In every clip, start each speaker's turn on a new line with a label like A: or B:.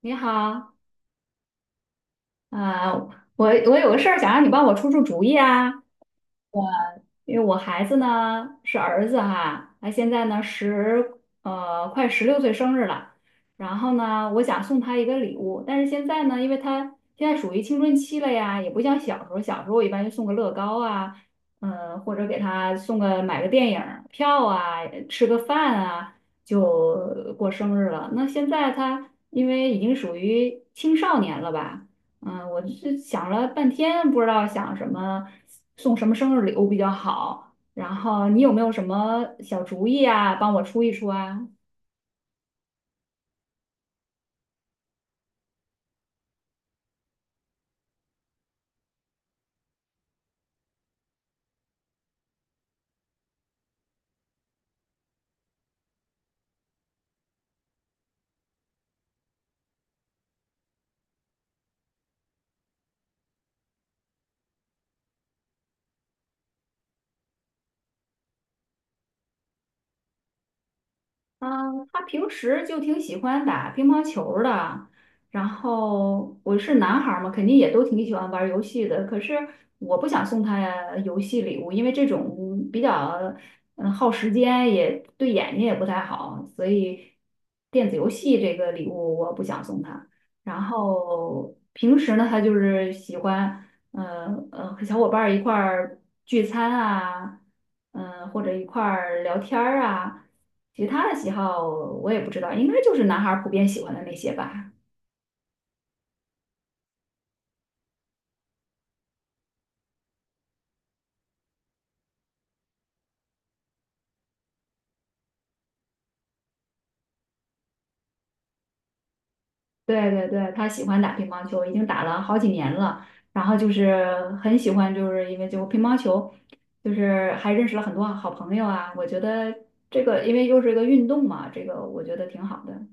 A: 你好，啊、我有个事儿想让你帮我出出主意啊，因为我孩子呢是儿子哈，他现在呢快十六岁生日了，然后呢我想送他一个礼物，但是现在呢，因为他现在属于青春期了呀，也不像小时候，小时候我一般就送个乐高啊，嗯、或者给他送个买个电影儿票啊，吃个饭啊，就过生日了。那现在他因为已经属于青少年了吧？嗯，我是想了半天，不知道想什么送什么生日礼物比较好。然后你有没有什么小主意啊，帮我出一出啊？嗯，他平时就挺喜欢打乒乓球儿的，然后我是男孩儿嘛，肯定也都挺喜欢玩儿游戏的。可是我不想送他游戏礼物，因为这种比较耗时间，也对眼睛也不太好，所以电子游戏这个礼物我不想送他。然后平时呢，他就是喜欢。和小伙伴儿一块儿聚餐啊，嗯、或者一块儿聊天儿啊。其他的喜好我也不知道，应该就是男孩儿普遍喜欢的那些吧。对对对，他喜欢打乒乓球，已经打了好几年了。然后就是很喜欢，就是因为就乒乓球，就是还认识了很多好朋友啊。我觉得这个因为又是一个运动嘛，这个我觉得挺好的。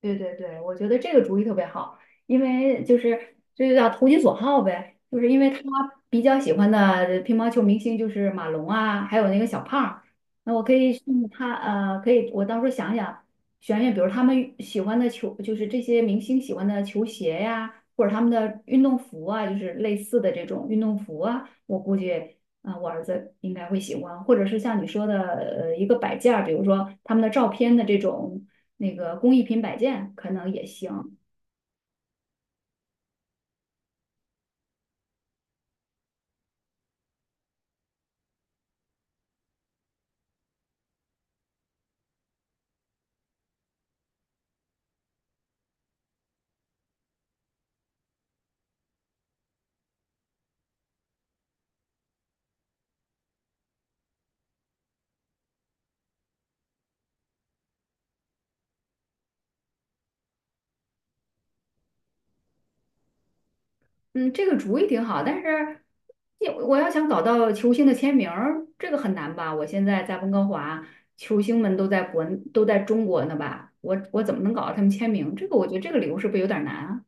A: 对对对，我觉得这个主意特别好，因为就是这就叫投其所好呗，就是因为他比较喜欢的乒乓球明星就是马龙啊，还有那个小胖儿那我可以送他可以我到时候想想选，比如他们喜欢的球，就是这些明星喜欢的球鞋呀，或者他们的运动服啊，就是类似的这种运动服啊，我估计啊、我儿子应该会喜欢，或者是像你说的，一个摆件儿比如说他们的照片的这种那个工艺品摆件，可能也行。嗯，这个主意挺好，但是我要想搞到球星的签名儿这个很难吧？我现在在温哥华，球星们都在国，都在中国呢吧？我怎么能搞到他们签名？这个我觉得这个理由是不是有点难啊？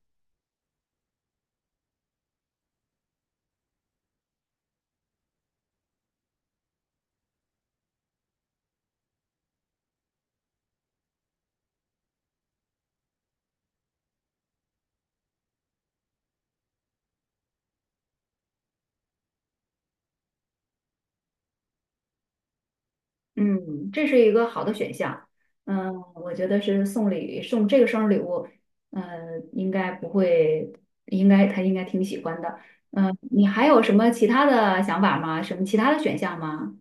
A: 嗯，这是一个好的选项。嗯，我觉得是送礼送这个生日礼物，嗯，应该不会，应该他应该挺喜欢的。嗯，你还有什么其他的想法吗？什么其他的选项吗？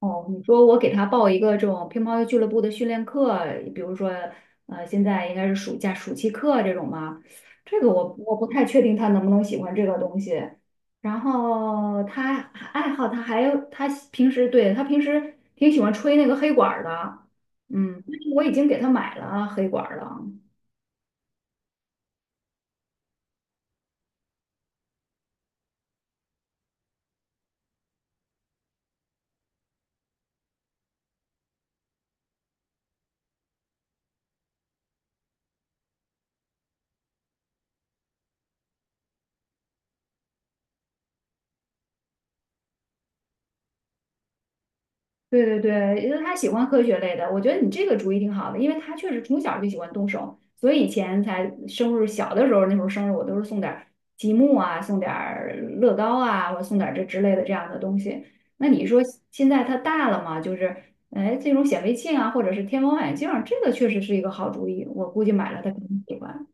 A: 哦，你说我给他报一个这种乒乓球俱乐部的训练课，比如说，现在应该是暑假暑期课这种吗？这个我不太确定他能不能喜欢这个东西。然后他爱好，他还有他平时对他平时挺喜欢吹那个黑管儿的，嗯，但是我已经给他买了黑管儿了。对对对，因为他喜欢科学类的，我觉得你这个主意挺好的，因为他确实从小就喜欢动手，所以以前才生日小的时候，那时候生日我都是送点儿积木啊，送点儿乐高啊，或者送点儿这之类的这样的东西。那你说现在他大了嘛，就是哎这种显微镜啊，或者是天文望远镜儿这个确实是一个好主意，我估计买了他肯定喜欢。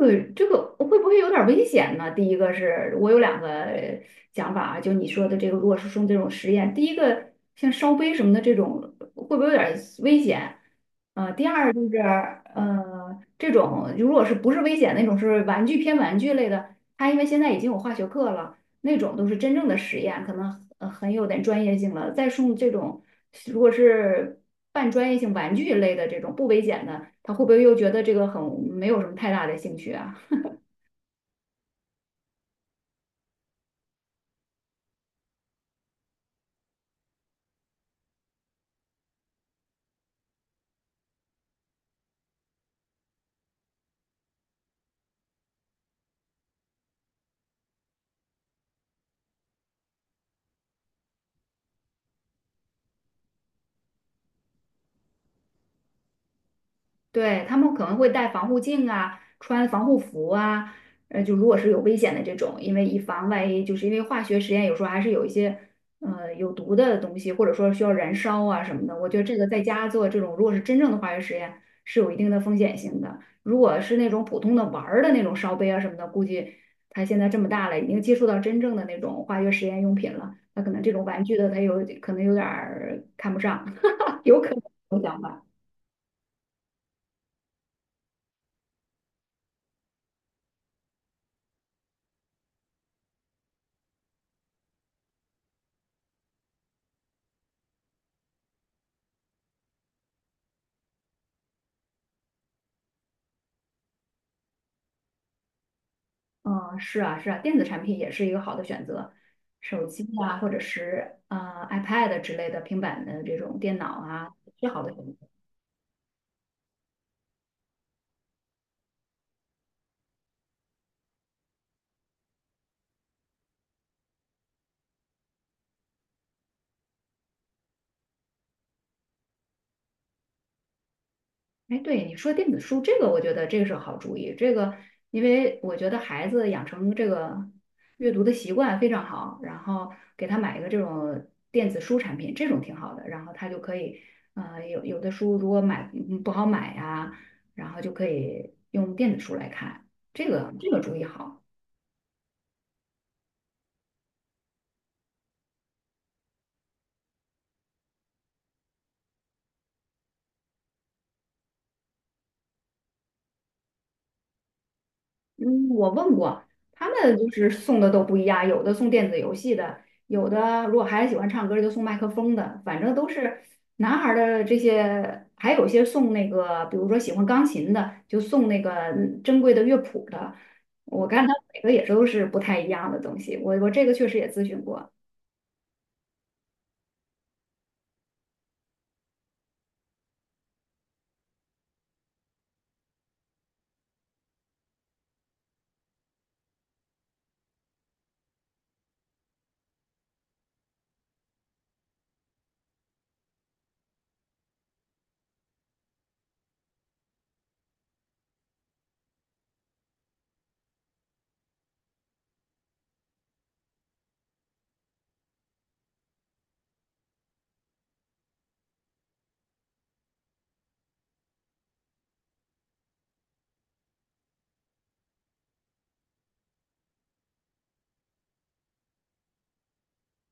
A: 这个会不会有点危险呢？第一个是我有两个想法啊，就你说的这个，如果是用这种实验，第一个像烧杯什么的这种，会不会有点危险？呃，第二就是这种如果是不是危险那种是玩具偏玩具类的，它因为现在已经有化学课了，那种都是真正的实验，可能很有点专业性了。再送这种，如果是半专业性玩具类的这种不危险的，他会不会又觉得这个很没有什么太大的兴趣啊？对，他们可能会戴防护镜啊，穿防护服啊，就如果是有危险的这种，因为以防万一，就是因为化学实验有时候还是有一些有毒的东西，或者说需要燃烧啊什么的。我觉得这个在家做这种，如果是真正的化学实验，是有一定的风险性的。如果是那种普通的玩儿的那种烧杯啊什么的，估计他现在这么大了，已经接触到真正的那种化学实验用品了，他可能这种玩具的他有可能有点儿看不上，有可能有想法。嗯，是啊，是啊，电子产品也是一个好的选择，手机啊，或者是iPad 之类的平板的这种电脑啊，是好的选择。哎，对，你说电子书这个，我觉得这个是个好主意。这个，因为我觉得孩子养成这个阅读的习惯非常好，然后给他买一个这种电子书产品，这种挺好的，然后他就可以，有的书如果买不好买呀、然后就可以用电子书来看，这个主意好。嗯，我问过，他们就是送的都不一样，有的送电子游戏的，有的如果孩子喜欢唱歌就送麦克风的，反正都是男孩儿的这些，还有一些送那个，比如说喜欢钢琴的，就送那个珍贵的乐谱的。我看他每个也都是不太一样的东西，我这个确实也咨询过。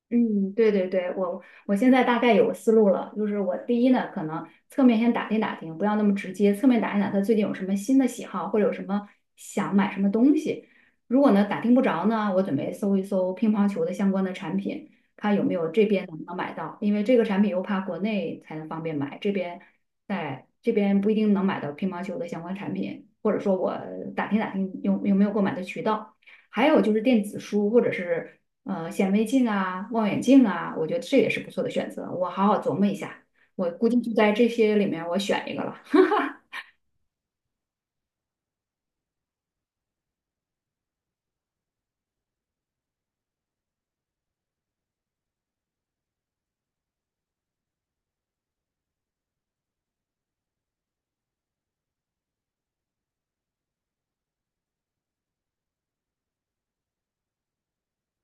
A: 嗯，对对对，我现在大概有个思路了，就是我第一呢，可能侧面先打听打听，不要那么直接，侧面打听打听他最近有什么新的喜好，或者有什么想买什么东西。如果呢打听不着呢，我准备搜一搜乒乓球的相关的产品，看有没有这边能不能买到，因为这个产品又怕国内才能方便买，这边在这边不一定能买到乒乓球的相关产品，或者说我打听打听有没有购买的渠道。还有就是电子书或者是显微镜啊、望远镜啊，我觉得这也是不错的选择。我好好琢磨一下，我估计就在这些里面我选一个了。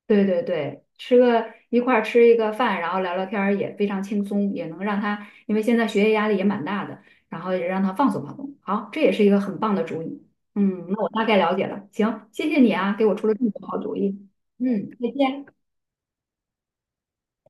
A: 对对对，吃个一块儿吃一个饭，然后聊聊天儿也非常轻松，也能让他，因为现在学业压力也蛮大的，然后也让他放松放松。好，这也是一个很棒的主意。嗯，那我大概了解了。行，谢谢你啊，给我出了这么多好主意。嗯，再见。